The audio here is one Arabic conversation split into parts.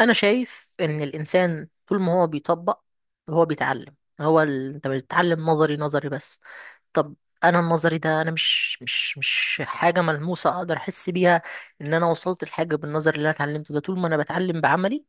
انا شايف ان الانسان طول ما هو بيطبق، هو بيتعلم. انت بتتعلم نظري نظري بس. طب، انا النظري ده مش حاجه ملموسه اقدر احس بيها ان انا وصلت لحاجه بالنظر اللي انا اتعلمته ده. طول ما انا بتعلم بعملي،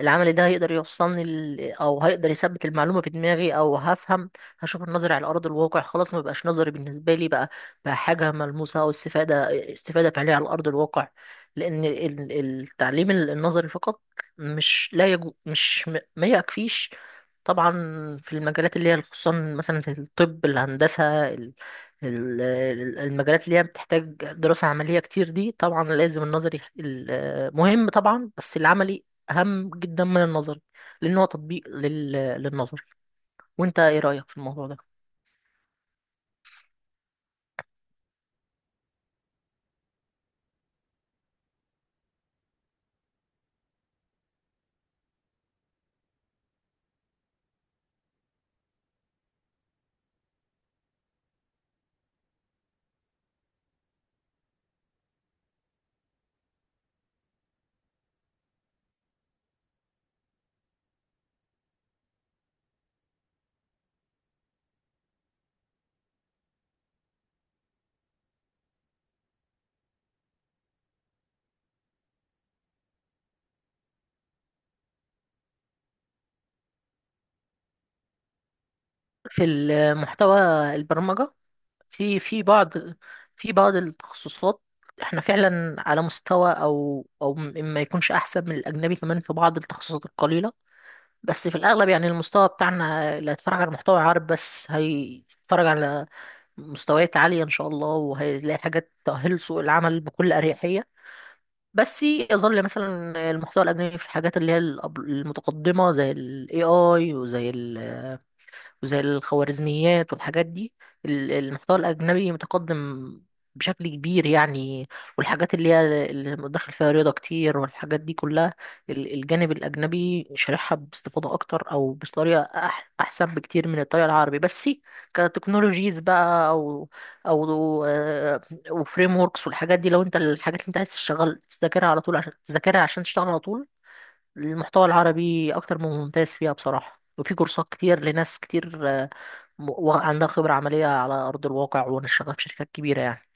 العمل ده هيقدر يوصلني ل... او هيقدر يثبت المعلومه في دماغي، او هفهم، هشوف النظري على ارض الواقع، خلاص ما بقاش نظري بالنسبه لي، بقى حاجه ملموسه، او استفاده فعليه على ارض الواقع. لان التعليم النظري فقط مش لا يجو... مش م- ما يكفيش طبعا، في المجالات اللي هي خصوصا، مثلا زي الطب، الهندسه، المجالات اللي هي بتحتاج دراسة عملية كتير دي، طبعا لازم النظري مهم طبعا، بس العملي أهم جدا من النظري، لأن هو تطبيق للنظري. وأنت إيه رأيك في الموضوع ده؟ في المحتوى البرمجة، في في بعض في بعض التخصصات، احنا فعلا على مستوى، ما يكونش احسن من الاجنبي كمان في بعض التخصصات القليله، بس في الاغلب يعني المستوى بتاعنا اللي هيتفرج على محتوى عرب بس، هيتفرج على مستويات عاليه ان شاء الله، وهيلاقي حاجات تؤهل سوق العمل بكل اريحيه. بس يظل مثلا المحتوى الأجنبي في الحاجات اللي هي المتقدمة، زي ال AI وزي الخوارزميات والحاجات دي، المحتوى الأجنبي متقدم بشكل كبير يعني، والحاجات اللي هي اللي داخل فيها رياضة كتير والحاجات دي كلها، الجانب الأجنبي شارحها باستفاضة أكتر، أو بطريقة أحسن بكتير من الطريقة العربي. بس كتكنولوجيز بقى، أو وفريم وركس والحاجات دي، لو أنت الحاجات اللي أنت عايز تشتغل تذاكرها على طول عشان تذاكرها عشان تشتغل على طول، المحتوى العربي اكتر من ممتاز فيها بصراحة، وفي كورسات كتير لناس كتير عندها خبرة عملية على أرض الواقع، ونشتغل في شركات كبيرة يعني.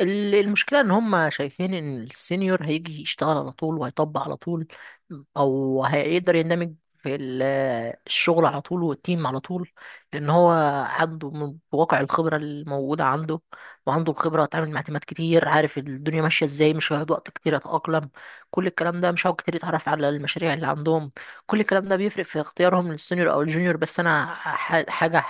المشكلة إن هم شايفين إن السينيور هيجي يشتغل على طول وهيطبق على طول، أو هيقدر يندمج في الشغل على طول والتيم على طول، لأن هو عنده من واقع الخبرة الموجودة عنده، وعنده الخبرة اتعامل مع تيمات كتير، عارف الدنيا ماشية إزاي، مش هيقعد وقت كتير يتأقلم، كل الكلام ده، مش هيقعد كتير يتعرف على المشاريع اللي عندهم، كل الكلام ده بيفرق في اختيارهم للسينيور أو الجونيور. بس أنا ح- حاجة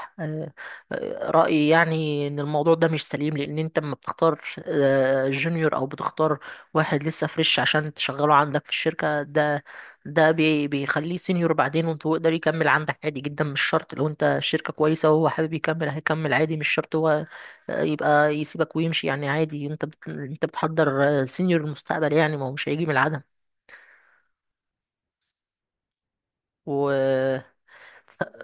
رأيي يعني إن الموضوع ده مش سليم، لأن أنت لما بتختار جونيور أو بتختار واحد لسه فريش عشان تشغله عندك في الشركة، ده ده بيخليه سينيور بعدين. وأنت هو يقدر يكمل عندك عادي جدا، مش شرط، لو أنت الشركة كويسة وهو حابب يكمل هيكمل عادي، مش شرط هو يبقى يسيبك ويمشي، يعني عادي، أنت بتحضر سينيور المستقبل يعني، ما هو مش هيجي من العدم. و ف-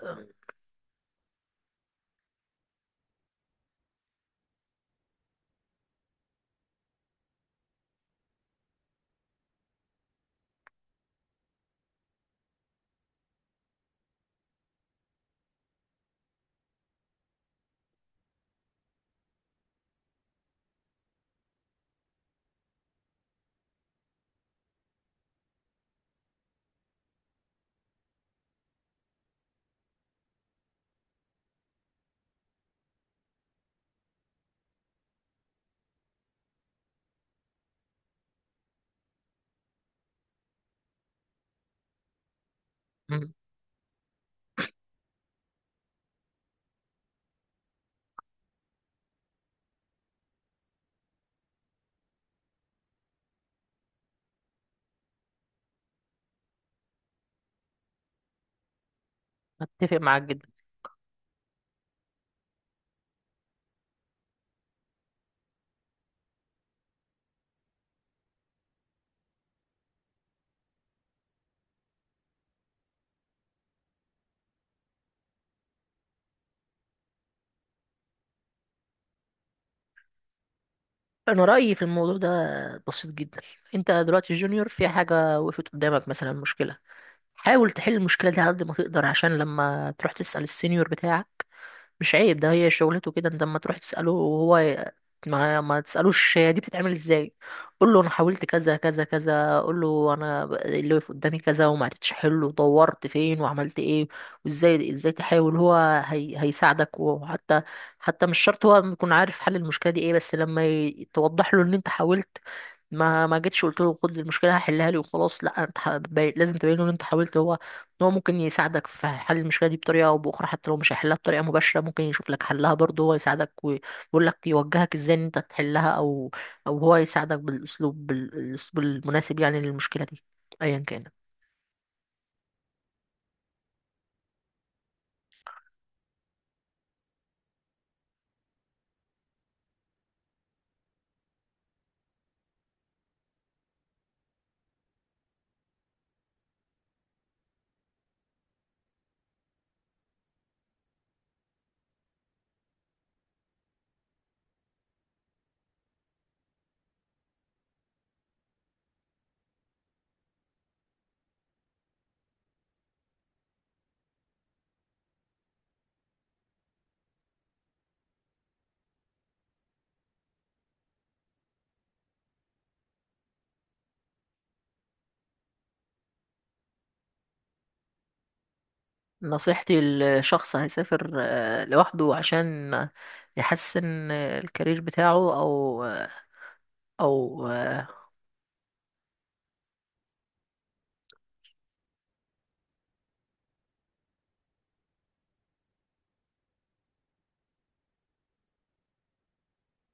م- أتفق معاك جدا. انا رايي في الموضوع ده بسيط جدا، انت دلوقتي جونيور، في حاجه وقفت قدامك مثلا، مشكله، حاول تحل المشكله دي على قد ما تقدر، عشان لما تروح تسال السينيور بتاعك مش عيب، ده هي شغلته كده. انت لما تروح تسأله ما تسألوش هي دي بتتعمل ازاي، قول له انا حاولت كذا كذا كذا، قول له اللي واقف قدامي كذا وما عرفتش احله، دورت فين وعملت ايه وازاي تحاول. هو هيساعدك، وحتى مش شرط هو يكون عارف حل المشكلة دي ايه، بس لما توضح له ان انت حاولت، ما جيتش قلت له خد المشكلة هحلها لي وخلاص، لا انت لازم تبين له ان انت حاولت، هو ان هو ممكن يساعدك في حل المشكله دي بطريقه او باخرى، حتى لو مش هيحلها بطريقه مباشره، ممكن يشوف لك حلها برضه، هو يساعدك ويقول لك، يوجهك ازاي ان انت تحلها، او هو يساعدك بالاسلوب المناسب يعني للمشكله دي ايا كانت. نصيحتي لشخص هيسافر لوحده عشان يحسن الكارير بتاعه، او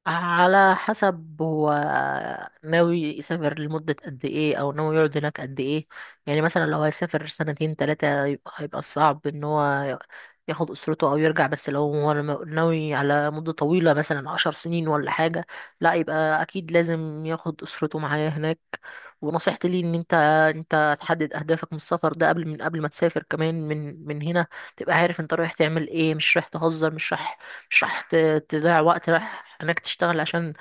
على حسب هو ناوي يسافر لمدة قد ايه، او ناوي يقعد هناك قد ايه. يعني مثلا لو هيسافر سنتين تلاتة، يبقى هيبقى صعب ان هو ياخد اسرته او يرجع. بس لو هو ناوي على مدة طويلة، مثلا عشر سنين ولا حاجة، لا يبقى اكيد لازم ياخد اسرته معاه هناك. ونصيحتي ليه ان انت، انت تحدد اهدافك من السفر ده، من قبل ما تسافر كمان، من هنا تبقى عارف انت رايح تعمل ايه، مش رايح تهزر، مش رايح، مش راح ت- تضيع وقت، رايح انك تشتغل عشان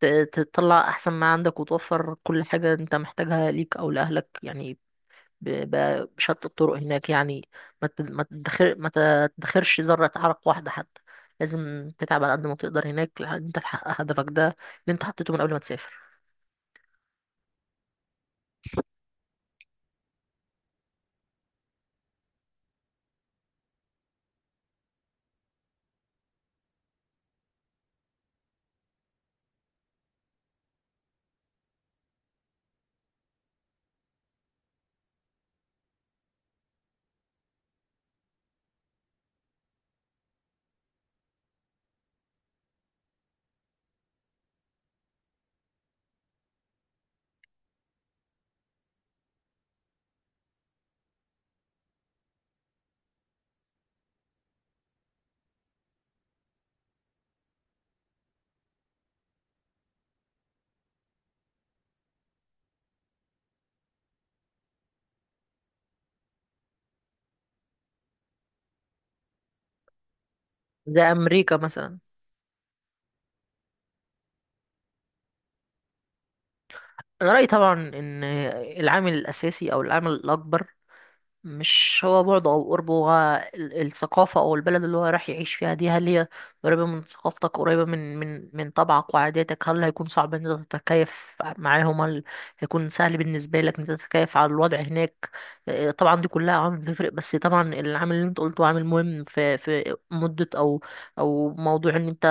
تطلع احسن ما عندك، وتوفر كل حاجة انت محتاجها ليك او لاهلك يعني، ب- بشتى الطرق هناك يعني. ما تدخرش ذرة عرق واحدة حتى، لازم تتعب على قد ما تقدر هناك لحد انت تحقق هدفك ده اللي انت حطيته من قبل ما تسافر. زي امريكا مثلا. انا رايي طبعا ان العامل الاساسي او العامل الاكبر مش هو بعده او قربه، هو الثقافه او البلد اللي هو راح يعيش فيها دي، هل هي قريبه من ثقافتك، قريبه من طبعك وعاداتك، هل هيكون صعب ان انت تتكيف معاهم، هل هيكون سهل بالنسبه لك ان انت تتكيف على الوضع هناك. طبعا دي كلها عوامل بتفرق، بس طبعا العامل اللي انت قلته عامل مهم، في مده او موضوع ان انت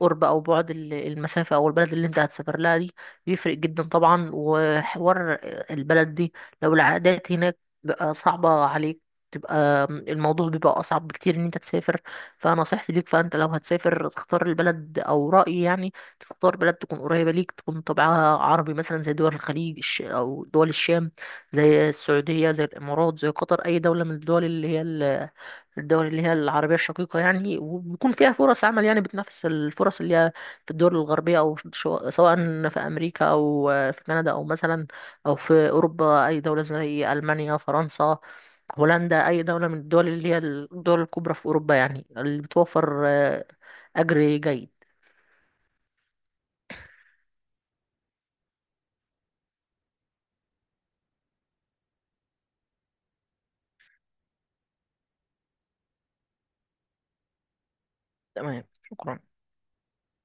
قرب او بعد المسافه او البلد اللي انت هتسافر لها دي، بيفرق جدا طبعا. وحوار البلد دي، لو العادات هناك بقى صعبة عليك، تبقى الموضوع بيبقى أصعب بكتير إن أنت تسافر. فنصيحتي ليك، فأنت لو هتسافر تختار البلد أو رأيي يعني، تختار بلد تكون قريبة ليك، تكون طبعها عربي، مثلا زي دول الخليج أو دول الشام، زي السعودية، زي الإمارات، زي قطر، أي دولة من الدول اللي هي العربية الشقيقة يعني، وبيكون فيها فرص عمل يعني بتنافس الفرص اللي هي في الدول الغربية، أو سواء في أمريكا أو في كندا، أو مثلا أو في أوروبا، أي دولة زي ألمانيا، فرنسا، هولندا، أي دولة من الدول اللي هي الدول الكبرى في أوروبا يعني، اللي بتوفر أجر جيد. تمام. شكرا.